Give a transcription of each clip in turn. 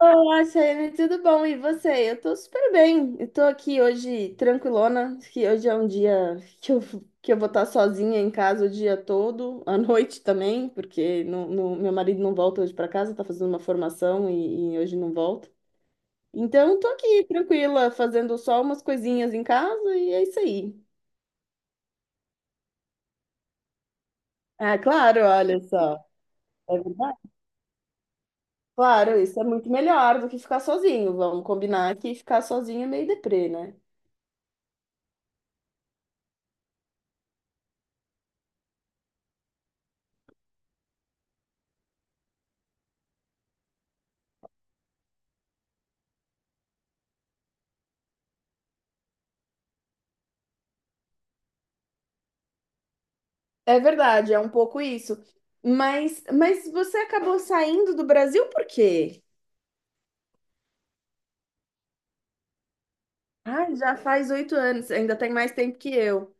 Olá, Shane, tudo bom? E você? Eu tô super bem. Eu tô aqui hoje tranquilona, que hoje é um dia que eu vou estar sozinha em casa o dia todo, à noite também, porque meu marido não volta hoje para casa, tá fazendo uma formação e hoje não volta. Então, tô aqui tranquila, fazendo só umas coisinhas em casa e é isso aí. Ah, claro, olha só. É verdade? Claro, isso é muito melhor do que ficar sozinho. Vamos combinar que ficar sozinho é meio deprê, né? É verdade, é um pouco isso. Mas você acabou saindo do Brasil por quê? Ah, já faz 8 anos, ainda tem mais tempo que eu.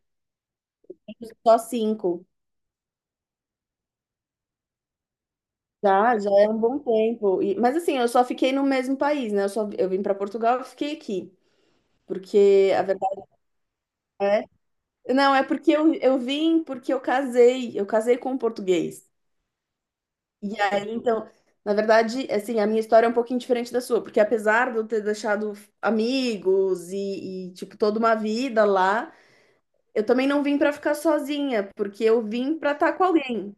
Só cinco. Já, já é um bom tempo. Mas assim, eu só fiquei no mesmo país, né? Eu vim para Portugal e fiquei aqui. Porque a verdade é. Não, é porque eu vim porque eu casei. Eu casei com um português. E aí, então, na verdade, assim, a minha história é um pouquinho diferente da sua, porque apesar de eu ter deixado amigos tipo, toda uma vida lá, eu também não vim pra ficar sozinha, porque eu vim pra estar com alguém.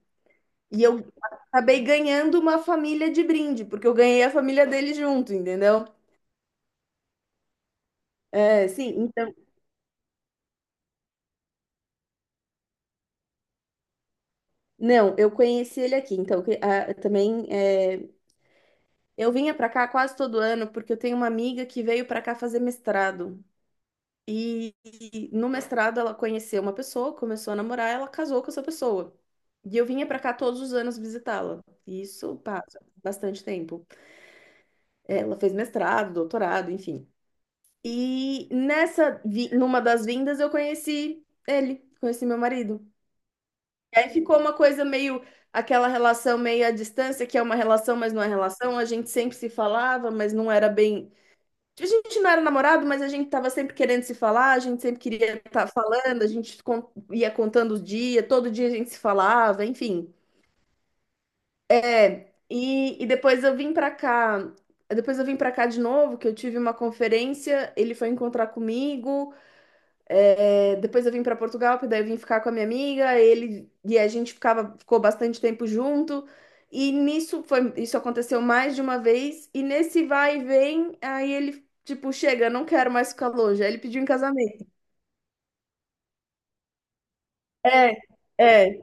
E eu acabei ganhando uma família de brinde, porque eu ganhei a família dele junto, entendeu? É, sim, então, não, eu conheci ele aqui, então, eu vinha pra cá quase todo ano, porque eu tenho uma amiga que veio pra cá fazer mestrado. E no mestrado ela conheceu uma pessoa, começou a namorar, ela casou com essa pessoa. E eu vinha pra cá todos os anos visitá-la. E isso passa bastante tempo. Ela fez mestrado, doutorado, enfim. E nessa, numa das vindas eu conheci ele, conheci meu marido. E aí ficou uma coisa meio, aquela relação meio à distância, que é uma relação, mas não é relação. A gente sempre se falava, mas não era bem, a gente não era namorado, mas a gente tava sempre querendo se falar, a gente sempre queria estar falando, a gente ia contando os dias, todo dia a gente se falava, enfim. É, e depois eu vim pra cá, depois eu vim pra cá de novo, que eu tive uma conferência, ele foi encontrar comigo, é, depois eu vim para Portugal, porque daí eu vim ficar com a minha amiga, ele e a gente ficava, ficou bastante tempo junto. E nisso foi, isso aconteceu mais de uma vez, e nesse vai e vem, aí ele tipo, chega, não quero mais ficar longe. Aí ele pediu em casamento. É, é,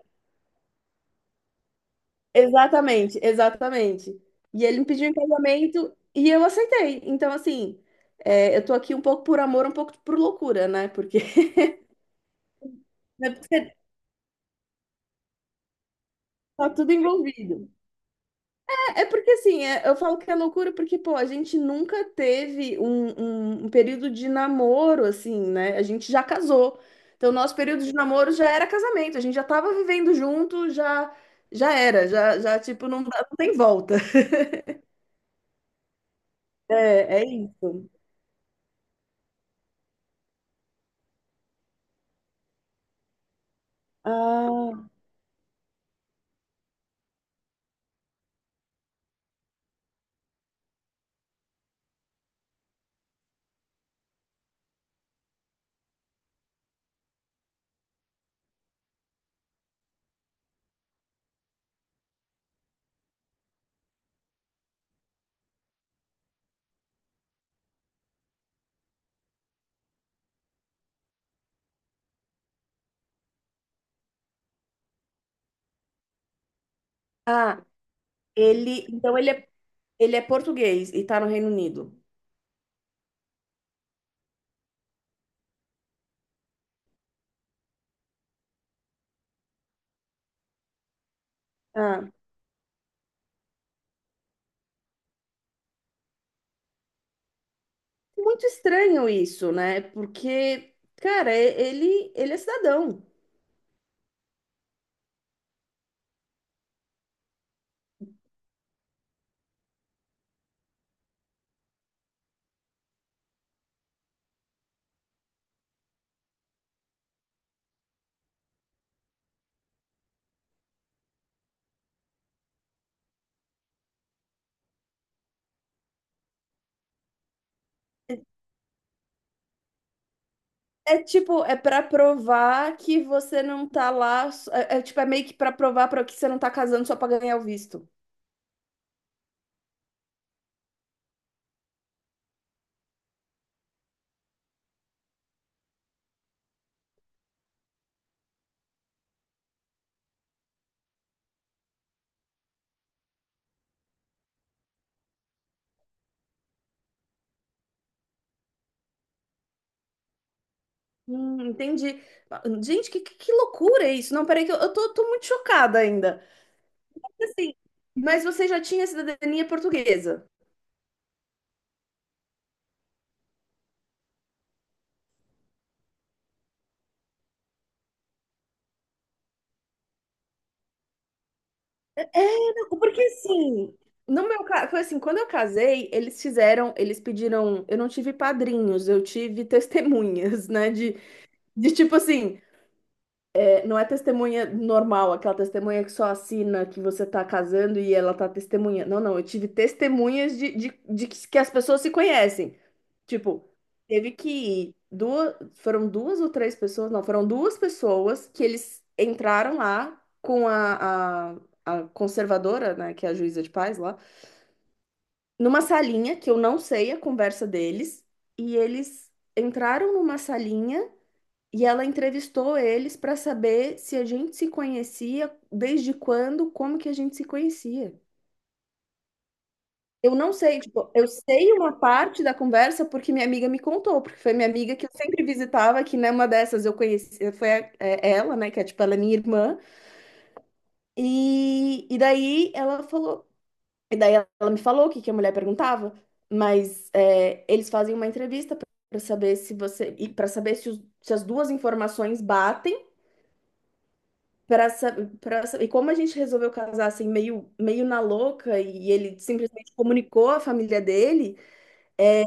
exatamente, exatamente. E ele me pediu em casamento e eu aceitei. Então, assim, é, eu tô aqui um pouco por amor, um pouco por loucura, né? Porque né, porque tá tudo envolvido. É porque assim, eu falo que é loucura porque, pô, a gente nunca teve um, um período de namoro, assim, né? A gente já casou. Então, nosso período de namoro já era casamento, a gente já tava vivendo junto, já, já era, já, já, tipo, não, não tem volta. É, é isso. Ah, ah, então ele é português e tá no Reino Unido. Ah, muito estranho isso, né? Porque, cara, ele é cidadão. É tipo, é pra provar que você não tá lá. É, é tipo, é meio que pra provar para que você não tá casando só pra ganhar o visto. Entendi. Gente, que loucura é isso? Não, peraí, que tô muito chocada ainda. Assim, mas você já tinha cidadania portuguesa? É, não, porque assim, no meu caso, foi assim, quando eu casei, eles fizeram, eles pediram, eu não tive padrinhos, eu tive testemunhas, né? De tipo assim. Não é testemunha normal, aquela testemunha que só assina que você tá casando e ela tá testemunha. Não, não, eu tive testemunhas de que as pessoas se conhecem. Tipo, teve que ir duas, foram duas ou três pessoas, não, foram duas pessoas que eles entraram lá com a conservadora, né, que é a juíza de paz lá, numa salinha que eu não sei a conversa deles, e eles entraram numa salinha. E ela entrevistou eles para saber se a gente se conhecia, desde quando, como que a gente se conhecia. Eu não sei, tipo, eu sei uma parte da conversa porque minha amiga me contou, porque foi minha amiga que eu sempre visitava, que numa dessas eu conheci, é, ela, né, que é tipo, ela é minha irmã, e daí ela falou, e daí ela me falou o que que a mulher perguntava, mas é, eles fazem uma entrevista para saber se você, e para saber se, se as duas informações batem. Pra, sa- e como a gente resolveu casar assim, meio, meio na louca, e ele simplesmente comunicou a família dele, é,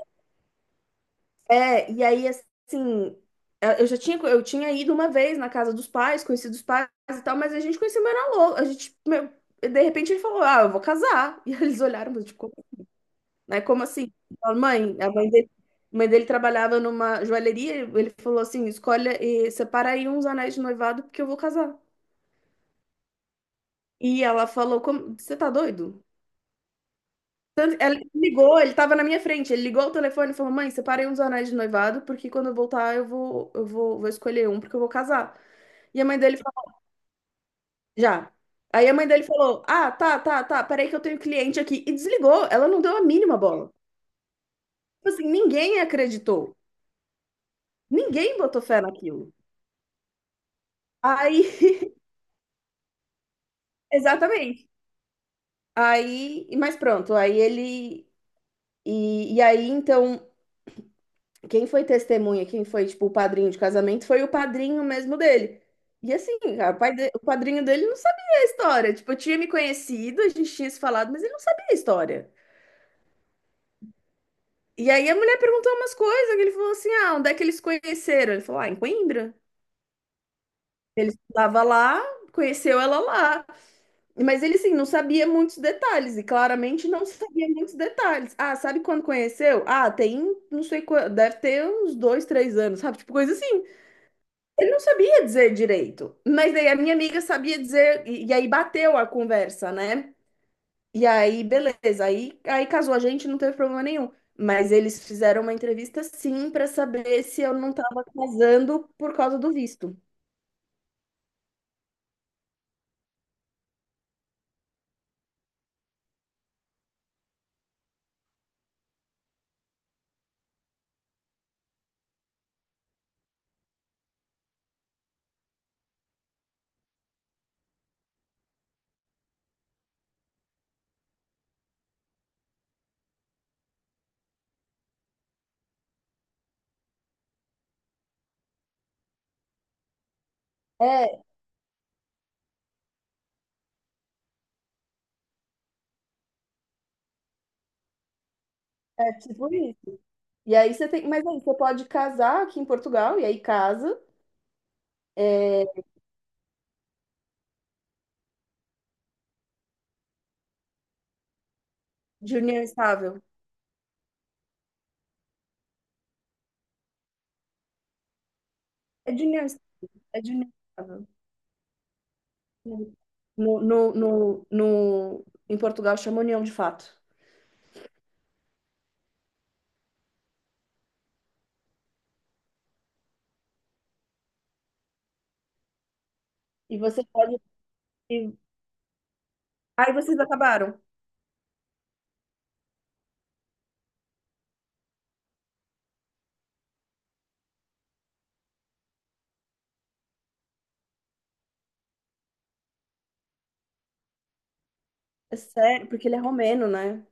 é, e aí assim, é, eu já tinha, eu tinha ido uma vez na casa dos pais, conhecido os pais e tal, mas a gente conheceu meio na louca, a gente, meu, de repente ele falou, ah, eu vou casar, e eles olharam, mas tipo, né, como assim? Falaram, mãe, a mãe dele trabalhava numa joalheria, ele falou assim, escolhe, e separa aí uns anéis de noivado, porque eu vou casar. E ela falou, como, você tá doido? Ela ligou, ele tava na minha frente. Ele ligou o telefone e falou: Mãe, separei uns anéis de noivado, porque quando eu voltar eu vou, vou escolher um, porque eu vou casar. E a mãe dele falou: Já. Aí a mãe dele falou: Ah, tá, tá, tá, peraí que eu tenho cliente aqui. E desligou. Ela não deu a mínima bola. Tipo assim, ninguém acreditou. Ninguém botou fé naquilo. Aí, exatamente. Aí, mas pronto, aí ele. E aí, então. Quem foi testemunha, quem foi, tipo, o padrinho de casamento, foi o padrinho mesmo dele. E assim, cara, o padrinho dele não sabia a história. Tipo, eu tinha me conhecido, a gente tinha se falado, mas ele não sabia a história. E aí a mulher perguntou umas coisas, que ele falou assim: ah, onde é que eles se conheceram? Ele falou, ah, em Coimbra. Ele estava lá, conheceu ela lá. Mas ele, assim, não sabia muitos detalhes, e claramente não sabia muitos detalhes. Ah, sabe quando conheceu? Ah, tem, não sei, deve ter uns dois, três anos, sabe? Tipo, coisa assim. Ele não sabia dizer direito, mas daí a minha amiga sabia dizer, e aí bateu a conversa, né? E aí, beleza, aí, aí casou a gente, não teve problema nenhum. Mas eles fizeram uma entrevista sim para saber se eu não estava casando por causa do visto. É, é tipo isso. E aí você tem, mas aí você pode casar aqui em Portugal, e aí casa, é, de união estável. É de união, é de união estável. No, no, em Portugal chama união de fato. E você pode. E aí vocês acabaram. É sério, porque ele é romeno, né?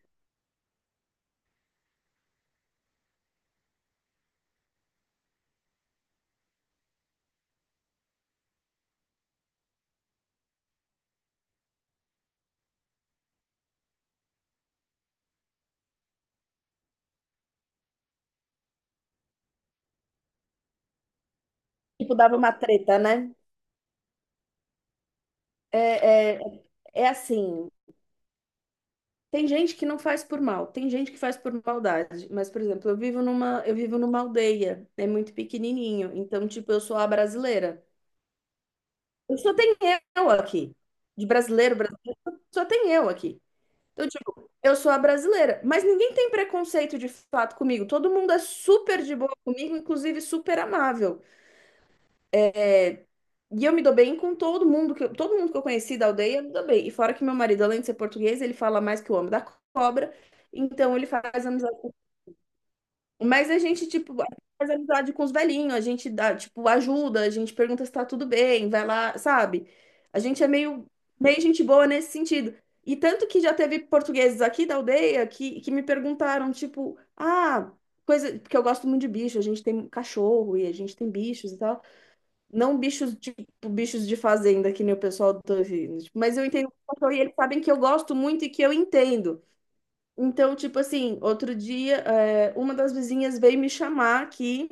Tipo, dava uma treta, né? É, é, assim, tem gente que não faz por mal, tem gente que faz por maldade. Mas, por exemplo, eu vivo numa aldeia, é muito pequenininho. Então, tipo, eu sou a brasileira. Eu só tenho eu aqui. De brasileiro, brasileiro, só tem eu aqui. Então, tipo, eu sou a brasileira. Mas ninguém tem preconceito de fato comigo. Todo mundo é super de boa comigo, inclusive super amável. E eu me dou bem com todo mundo que eu conheci da aldeia, eu me dou bem. E fora que meu marido, além de ser português, ele fala mais que o homem da cobra. Então ele faz amizade Mas a gente, tipo, faz amizade com os velhinhos, a gente dá, tipo, ajuda, a gente pergunta se tá tudo bem, vai lá, sabe? A gente é meio, meio gente boa nesse sentido. E tanto que já teve portugueses aqui da aldeia que me perguntaram, tipo, ah, coisa, porque eu gosto muito de bicho, a gente tem cachorro e a gente tem bichos e tal. Não bichos, tipo, bichos de fazenda, que nem o pessoal do Tangerino. Tipo, mas eu entendo o que eu sou e eles sabem que eu gosto muito e que eu entendo. Então, tipo assim, outro dia, é, uma das vizinhas veio me chamar aqui.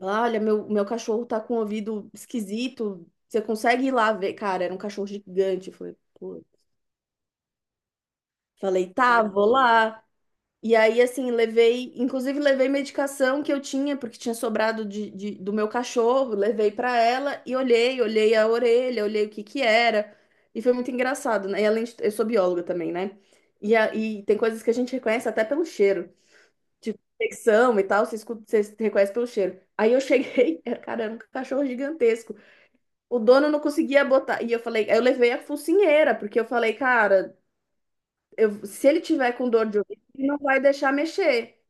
Olha, meu cachorro tá com o ouvido esquisito. Você consegue ir lá ver? Cara, era um cachorro gigante. Eu falei, pô. Falei, tá, vou lá. E aí, assim, levei, inclusive levei medicação que eu tinha, porque tinha sobrado do meu cachorro, levei pra ela e olhei, olhei a orelha, olhei o que que era. E foi muito engraçado, né? E além de, eu sou bióloga também, né? E tem coisas que a gente reconhece até pelo cheiro, tipo infecção e tal, você escuta, você reconhece pelo cheiro. Aí eu cheguei, cara, era um cachorro gigantesco. O dono não conseguia botar. E eu falei, eu levei a focinheira, porque eu falei, cara, se ele tiver com dor de ouvido, ele não vai deixar mexer.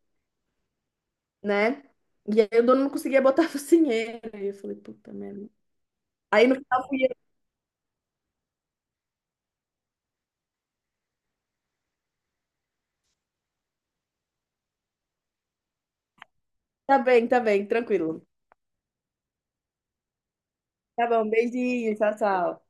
Né? E aí o dono não conseguia botar a focinheira. E eu falei, puta merda. Aí no final fui eu. Tá bem, tá bem, tranquilo. Tá bom, beijinho, tchau, tchau.